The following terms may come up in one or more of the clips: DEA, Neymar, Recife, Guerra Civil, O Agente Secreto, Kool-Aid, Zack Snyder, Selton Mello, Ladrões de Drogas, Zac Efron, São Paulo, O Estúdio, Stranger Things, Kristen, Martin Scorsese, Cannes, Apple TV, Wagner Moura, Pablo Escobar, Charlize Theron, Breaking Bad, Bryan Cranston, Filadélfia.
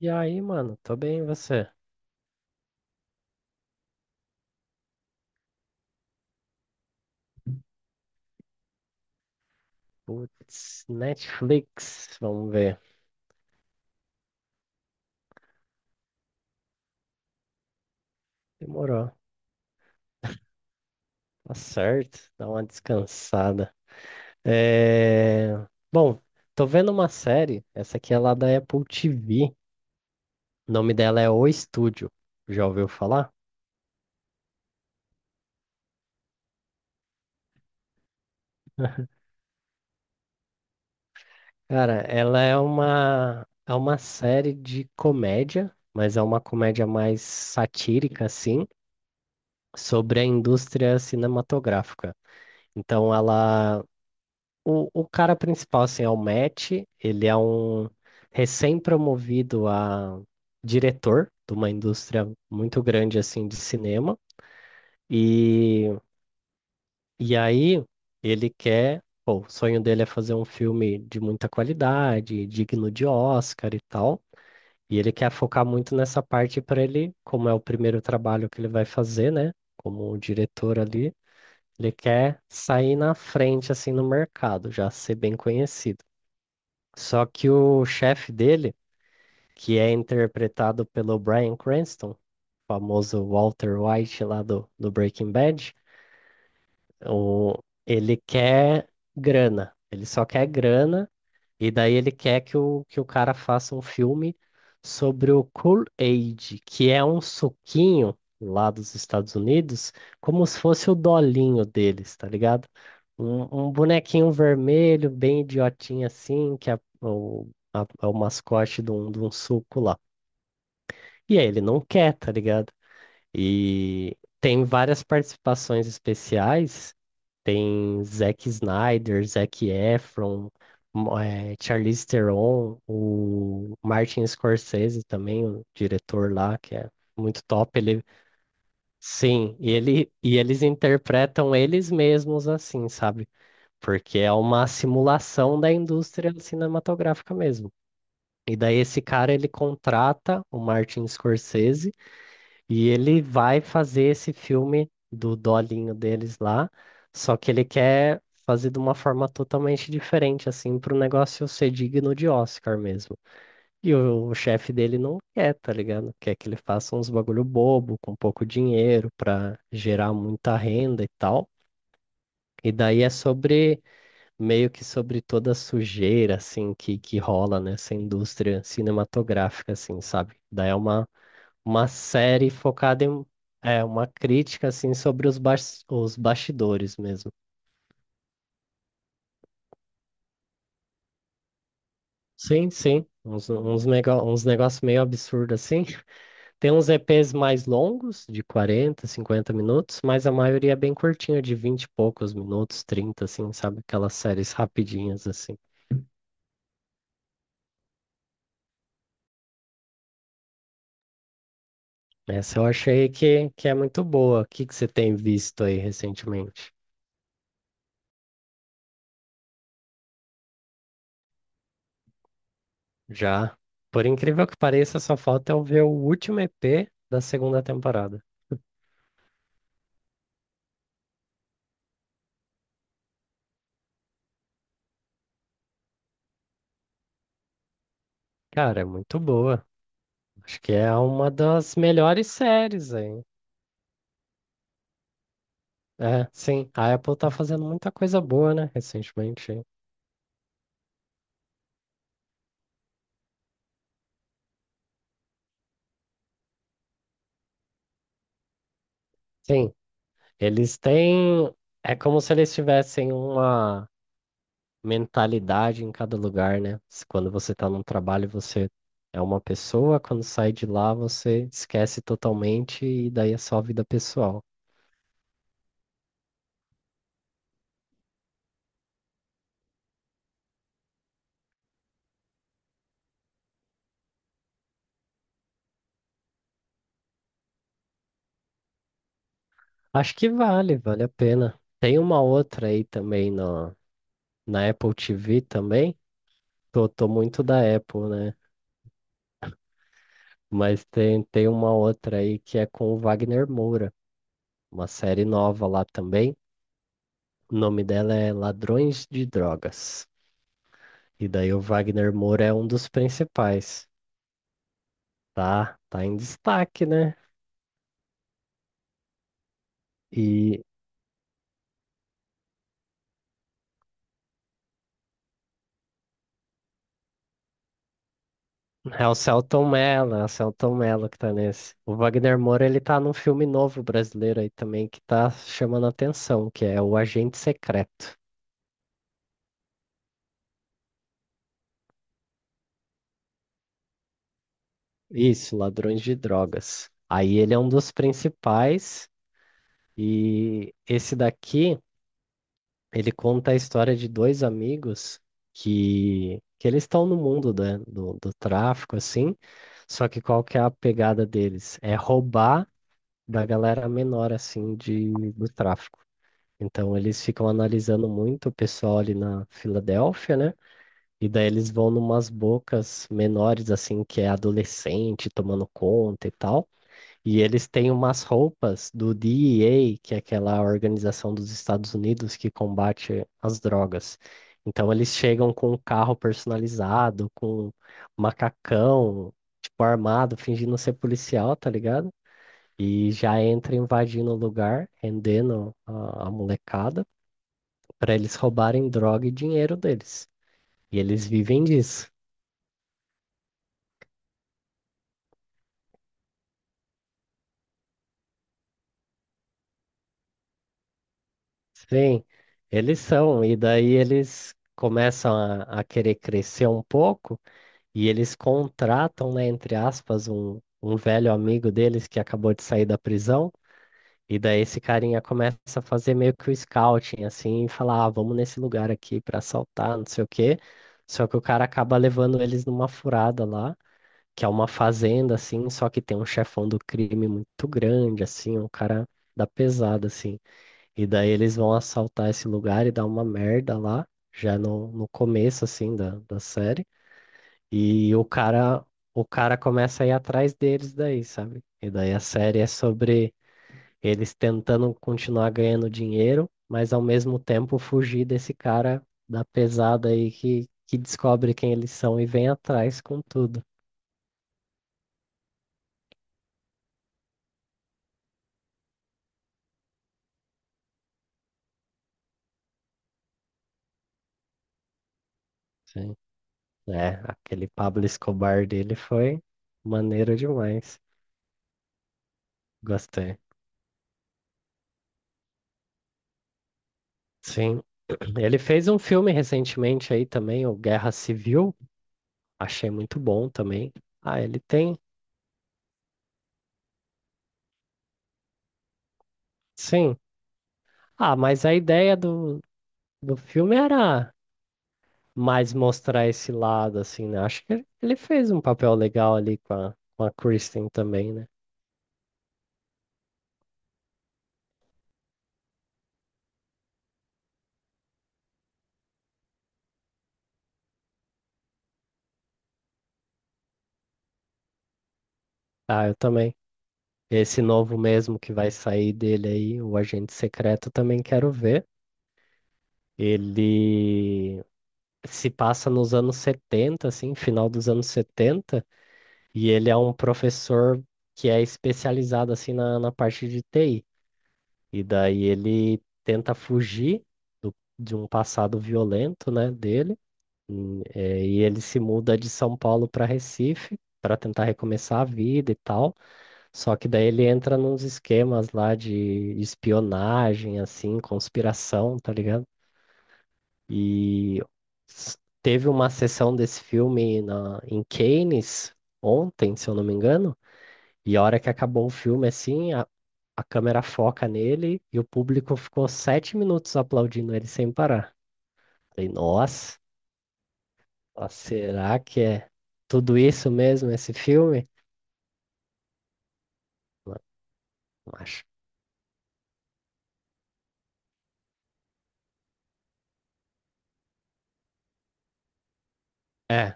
E aí, mano, tô bem, e você? Putz, Netflix, vamos ver. Demorou. Tá certo, dá uma descansada. É... Bom, tô vendo uma série, essa aqui é lá da Apple TV. O nome dela é O Estúdio. Já ouviu falar? Cara, ela é uma série de comédia, mas é uma comédia mais satírica assim, sobre a indústria cinematográfica. Então ela O cara principal, assim, é o Matt. Ele é um recém-promovido a diretor de uma indústria muito grande, assim, de cinema. E, e aí ele quer, pô, o sonho dele é fazer um filme de muita qualidade, digno de Oscar e tal. E ele quer focar muito nessa parte para ele, como é o primeiro trabalho que ele vai fazer, né? Como diretor ali, ele quer sair na frente, assim, no mercado, já ser bem conhecido. Só que o chefe dele, que é interpretado pelo Bryan Cranston, famoso Walter White lá do Breaking Bad, o, ele quer grana. Ele só quer grana, e daí ele quer que o cara faça um filme sobre o Kool-Aid, que é um suquinho lá dos Estados Unidos, como se fosse o dolinho deles, tá ligado? Um bonequinho vermelho, bem idiotinho assim, que é é o mascote de um suco lá. E aí ele não quer, tá ligado? E tem várias participações especiais. Tem Zack Snyder, Zac Efron, Charlize Theron, o Martin Scorsese também, o diretor lá, que é muito top. Sim, e eles interpretam eles mesmos assim, sabe? Porque é uma simulação da indústria cinematográfica mesmo. E daí esse cara, ele contrata o Martin Scorsese e ele vai fazer esse filme do dolinho deles lá, só que ele quer fazer de uma forma totalmente diferente, assim, para o negócio ser digno de Oscar mesmo. E o chefe dele não quer, tá ligado? Quer que ele faça uns bagulho bobo, com pouco dinheiro, para gerar muita renda e tal. E daí meio que sobre toda a sujeira, assim, que rola nessa indústria cinematográfica, assim, sabe? Daí é uma série focada em, uma crítica assim sobre os bastidores mesmo. Sim, sim, uns negócios meio absurdo assim. Tem uns EPs mais longos, de 40 50 minutos, mas a maioria é bem curtinha, de 20 e poucos minutos, 30 assim, sabe? Aquelas séries rapidinhas assim. Essa eu achei que é muito boa. O que você tem visto aí recentemente? Já, por incrível que pareça, só falta eu ver o último EP da segunda temporada. Cara, é muito boa. Acho que é uma das melhores séries aí. É, sim. A Apple tá fazendo muita coisa boa, né, recentemente. Aí. Sim, eles têm. É como se eles tivessem uma mentalidade em cada lugar, né? Se Quando você tá num trabalho, você é uma pessoa; quando sai de lá, você esquece totalmente e daí é só vida pessoal. Acho que vale a pena. Tem uma outra aí também na Apple TV também. Tô muito da Apple, né? Mas tem uma outra aí que é com o Wagner Moura, uma série nova lá também. O nome dela é Ladrões de Drogas. E daí o Wagner Moura é um dos principais, tá? Tá em destaque, né? E é o Selton Mello que tá nesse. O Wagner Moura, ele tá num filme novo brasileiro aí também que tá chamando a atenção, que é O Agente Secreto. Isso, Ladrões de Drogas. Aí ele é um dos principais. E esse daqui ele conta a história de dois amigos que eles estão no mundo do tráfico, assim, só que qual que é a pegada deles? É roubar da galera menor, assim, do tráfico. Então, eles ficam analisando muito o pessoal ali na Filadélfia, né? E daí eles vão numas bocas menores, assim, que é adolescente tomando conta e tal. E eles têm umas roupas do DEA, que é aquela organização dos Estados Unidos que combate as drogas. Então eles chegam com um carro personalizado, com um macacão, tipo armado, fingindo ser policial, tá ligado? E já entra invadindo o lugar, rendendo a molecada, para eles roubarem droga e dinheiro deles. E eles vivem disso. Sim, eles são. E daí eles começam a querer crescer um pouco. E eles contratam, né, entre aspas, um velho amigo deles que acabou de sair da prisão. E daí esse carinha começa a fazer meio que o scouting, assim, e falar, ah, vamos nesse lugar aqui para assaltar, não sei o quê. Só que o cara acaba levando eles numa furada lá, que é uma fazenda, assim, só que tem um chefão do crime muito grande, assim, um cara da pesada, assim. E daí eles vão assaltar esse lugar e dar uma merda lá, já no começo, assim, da série. E o cara começa a ir atrás deles daí, sabe? E daí a série é sobre eles tentando continuar ganhando dinheiro, mas ao mesmo tempo fugir desse cara da pesada aí que descobre quem eles são e vem atrás com tudo. Sim. É, aquele Pablo Escobar dele foi maneiro demais. Gostei. Sim. Ele fez um filme recentemente aí também, o Guerra Civil. Achei muito bom também. Ah, ele tem. Sim. Ah, mas a ideia do filme era mais mostrar esse lado, assim, né? Acho que ele fez um papel legal ali com a Kristen também, né? Ah, eu também. Esse novo mesmo que vai sair dele aí, o Agente Secreto, eu também quero ver. Ele se passa nos anos 70, assim, final dos anos 70, e ele é um professor que é especializado, assim, na parte de TI. E daí ele tenta fugir de um passado violento, né, dele. E ele se muda de São Paulo para Recife para tentar recomeçar a vida e tal. Só que daí ele entra nos esquemas lá de espionagem, assim, conspiração, tá ligado? E teve uma sessão desse filme em Cannes ontem, se eu não me engano. E a hora que acabou o filme, assim, a câmera foca nele e o público ficou 7 minutos aplaudindo ele sem parar. Falei, nossa, ó, será que é tudo isso mesmo, esse filme? Não, não acho. É,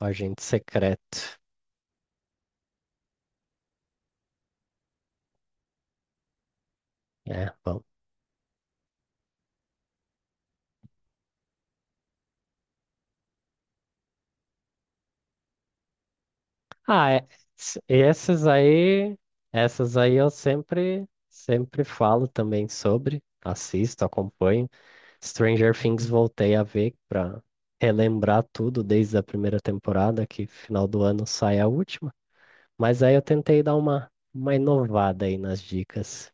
o Agente Secreto. É, bom. Ah, é, esses aí, essas aí eu sempre falo também sobre, assisto, acompanho. Stranger Things, voltei a ver pra relembrar tudo desde a primeira temporada, que final do ano sai a última. Mas aí eu tentei dar uma, inovada aí nas dicas.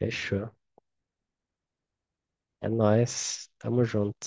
Fechou. É nóis. Tamo junto.